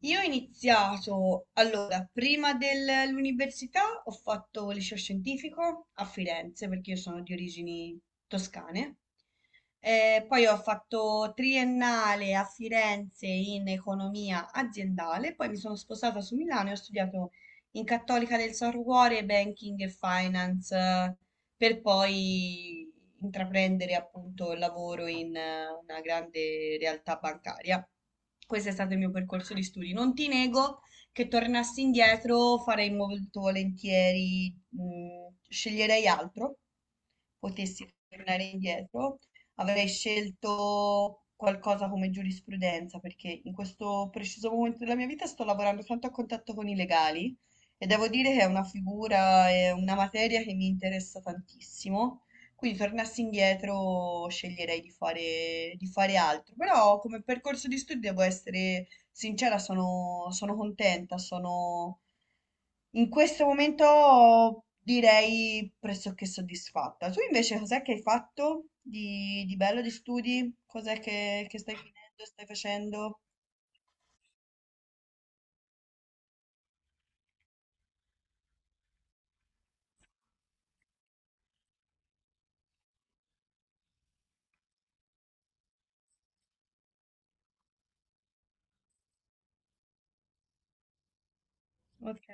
Io ho iniziato, allora, prima dell'università ho fatto liceo scientifico a Firenze perché io sono di origini toscane. Poi ho fatto triennale a Firenze in economia aziendale, poi mi sono sposata su Milano e ho studiato in Cattolica del Sacro Cuore Banking e Finance per poi intraprendere appunto il lavoro in una grande realtà bancaria. Questo è stato il mio percorso di studi. Non ti nego che tornassi indietro farei molto volentieri, sceglierei altro potessi tornare indietro, avrei scelto qualcosa come giurisprudenza, perché in questo preciso momento della mia vita sto lavorando tanto a contatto con i legali e devo dire che è una figura, è una materia che mi interessa tantissimo. Quindi tornassi indietro sceglierei di fare altro, però come percorso di studio devo essere sincera, sono contenta, sono in questo momento direi pressoché soddisfatta. Tu invece cos'è che hai fatto di bello di studi? Cos'è che stai finendo, stai facendo? Ok.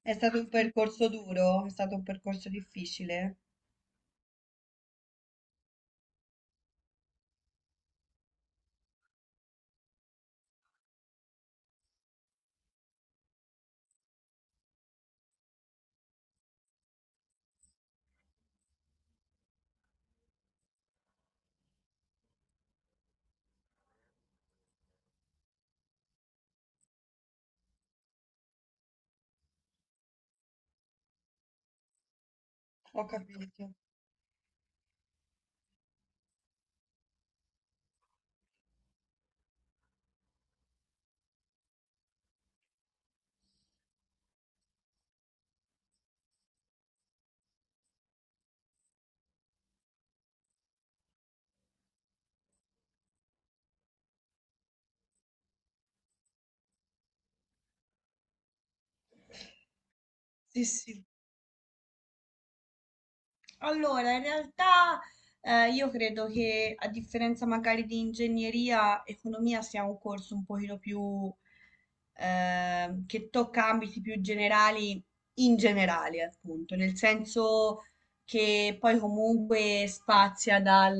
È stato un percorso duro? È stato un percorso difficile? Ho capito. Sì, sì. Allora, in realtà io credo che a differenza magari di ingegneria, economia sia un corso un pochino più che tocca ambiti più generali in generale, appunto, nel senso che poi comunque spazia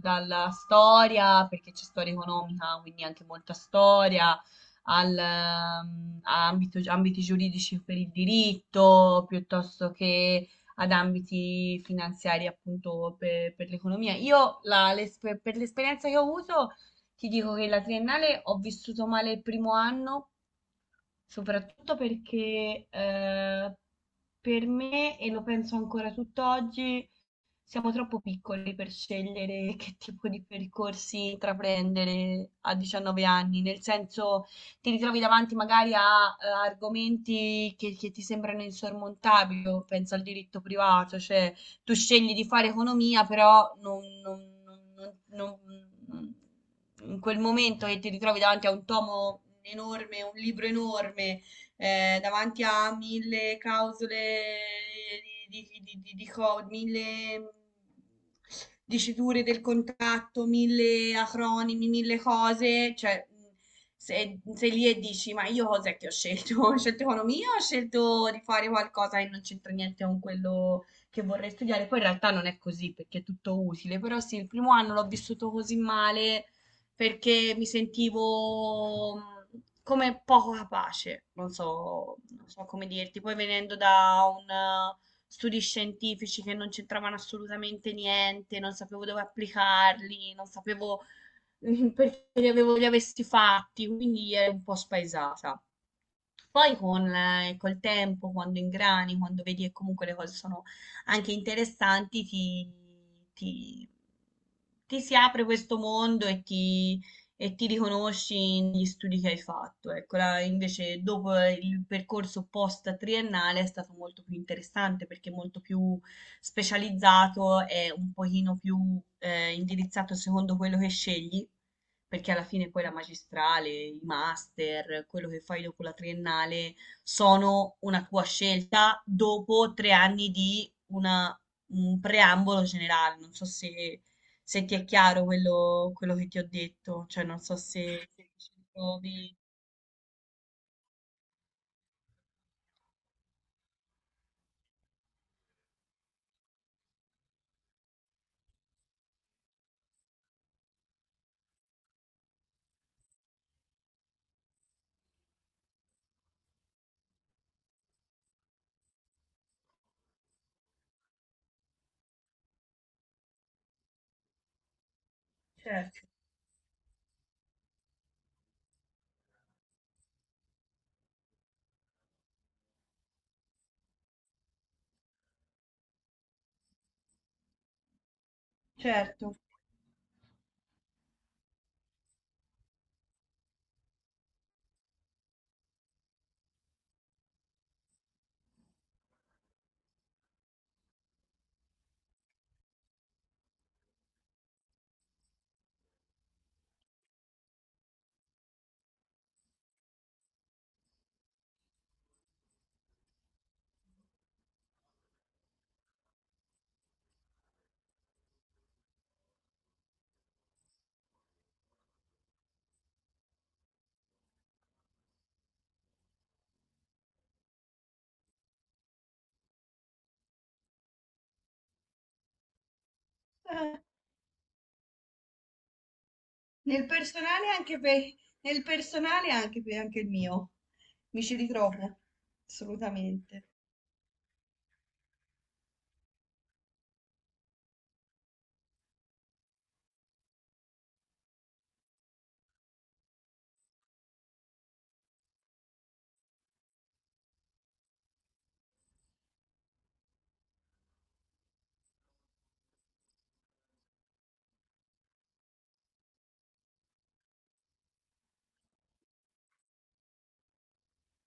dalla storia, perché c'è storia economica, quindi anche molta storia, al, a ambiti giuridici per il diritto, piuttosto che ad ambiti finanziari appunto per l'economia. Io per l'esperienza che ho avuto ti dico che la triennale ho vissuto male il primo anno, soprattutto perché per me, e lo penso ancora tutt'oggi, siamo troppo piccoli per scegliere che tipo di percorsi intraprendere a 19 anni, nel senso ti ritrovi davanti magari a, argomenti che ti sembrano insormontabili, io penso al diritto privato, cioè tu scegli di fare economia, però non- non- non- in quel momento che ti ritrovi davanti a un tomo enorme, un libro enorme, davanti a mille clausole di mille diciture del contratto, mille acronimi, mille cose, cioè sei lì e dici ma io cos'è che ho scelto? Ho scelto economia o ho scelto di fare qualcosa che non c'entra niente con quello che vorrei studiare? Poi in realtà non è così perché è tutto utile, però sì, il primo anno l'ho vissuto così male perché mi sentivo come poco capace, non so, non so come dirti. Poi venendo da un studi scientifici che non c'entravano assolutamente niente, non sapevo dove applicarli, non sapevo perché li avevo, li avessi fatti, quindi ero un po' spaesata. Poi con, col tempo, quando ingrani, quando vedi che comunque le cose sono anche interessanti, ti- ti si apre questo mondo e e ti riconosci negli studi che hai fatto. Ecco, invece dopo il percorso post triennale è stato molto più interessante perché è molto più specializzato e un pochino più indirizzato secondo quello che scegli perché alla fine poi la magistrale, i master, quello che fai dopo la triennale sono una tua scelta dopo 3 anni di un preambolo generale. Non so se, se ti è chiaro quello che ti ho detto, cioè non so se, se ci trovi. Certo, certo. Eh, Nel personale anche nel personale anche per anche il mio. Mi ci ritrovo, assolutamente.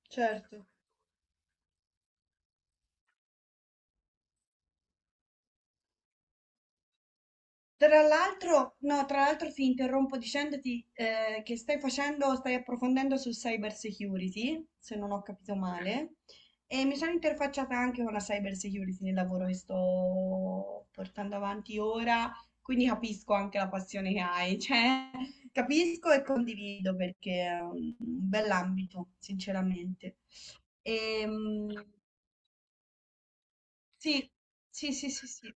Certo. Tra l'altro, no, tra l'altro ti interrompo dicendoti che stai facendo, stai approfondendo sul cyber security, se non ho capito male, e mi sono interfacciata anche con la cyber security nel lavoro che sto portando avanti ora, quindi capisco anche la passione che hai, cioè capisco e condivido perché è un bell'ambito, sinceramente. Ehm, sì, sì, sì, sì, sì.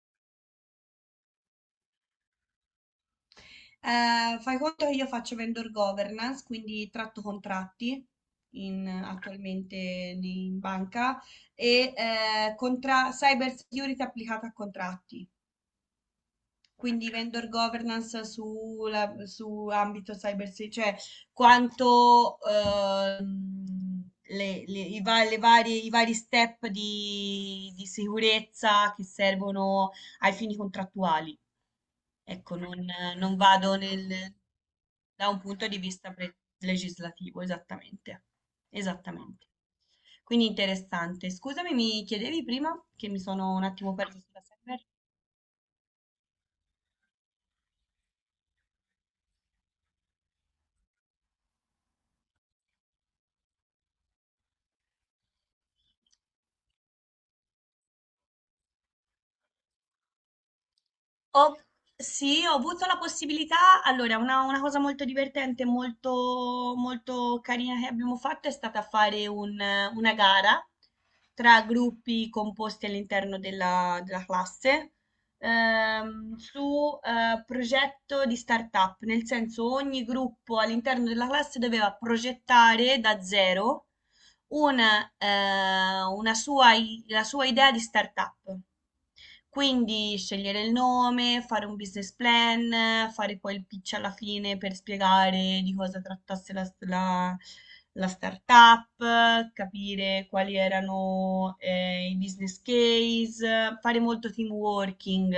Fai conto che io faccio vendor governance, quindi tratto contratti attualmente in banca e cyber security applicata a contratti. Quindi vendor governance su ambito cyber security, cioè quanto i vari step di sicurezza che servono ai fini contrattuali. Ecco, non vado nel, da un punto di vista legislativo, esattamente. Esattamente. Quindi interessante. Scusami, mi chiedevi prima che mi sono un attimo perso sulla server? Ho sì, ho avuto la possibilità allora una cosa molto divertente, molto carina che abbiamo fatto è stata fare un una gara tra gruppi composti all'interno della classe, su, progetto di startup, nel senso ogni gruppo all'interno della classe doveva progettare da zero una, la sua idea di startup. Quindi scegliere il nome, fare un business plan, fare poi il pitch alla fine per spiegare di cosa trattasse la startup, capire quali erano i business case, fare molto team working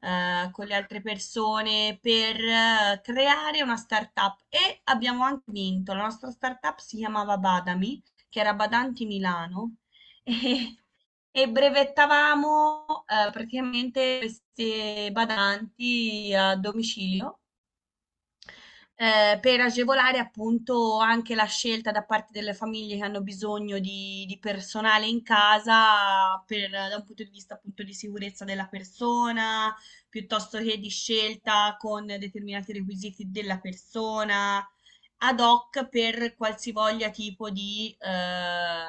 con le altre persone per creare una startup e abbiamo anche vinto. La nostra startup si chiamava Badami, che era Badanti Milano. E e brevettavamo, praticamente queste badanti a domicilio per agevolare appunto anche la scelta da parte delle famiglie che hanno bisogno di personale in casa per, da un punto di vista appunto di sicurezza della persona, piuttosto che di scelta con determinati requisiti della persona, ad hoc per qualsivoglia tipo di eh,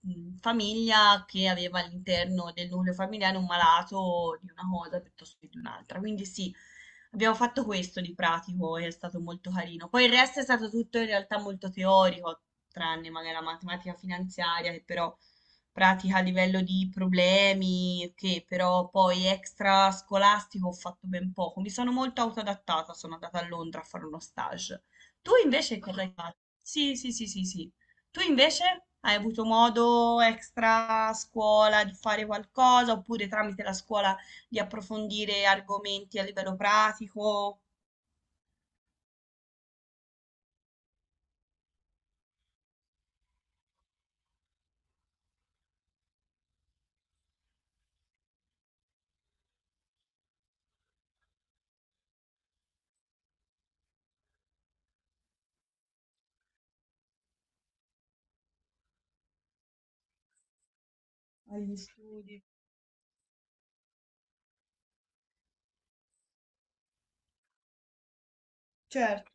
mh, famiglia che aveva all'interno del nucleo familiare un malato di una cosa piuttosto che di un'altra. Quindi sì, abbiamo fatto questo di pratico e è stato molto carino. Poi il resto è stato tutto in realtà molto teorico, tranne magari la matematica finanziaria, che però pratica a livello di problemi, che però poi extra scolastico ho fatto ben poco. Mi sono molto autoadattata, sono andata a Londra a fare uno stage. Tu invece cosa hai fatto? Sì, sì, sì, sì, sì. Tu invece hai avuto modo extra scuola di fare qualcosa oppure tramite la scuola di approfondire argomenti a livello pratico, agli studi. Certo.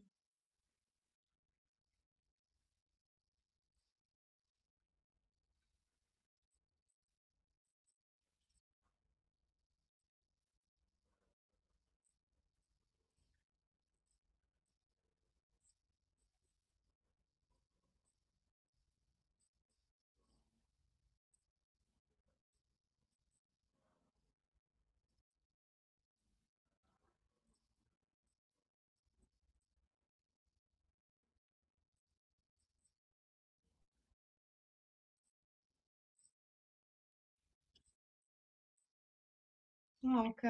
Ah, ok.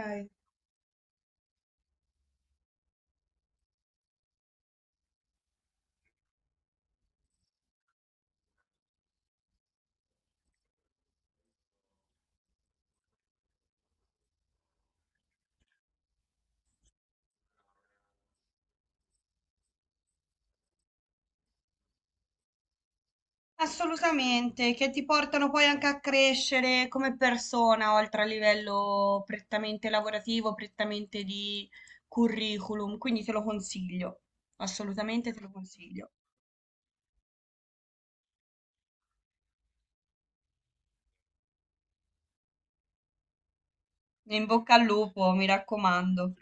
Assolutamente, che ti portano poi anche a crescere come persona, oltre a livello prettamente lavorativo, prettamente di curriculum, quindi te lo consiglio, assolutamente te lo consiglio. In bocca al lupo, mi raccomando.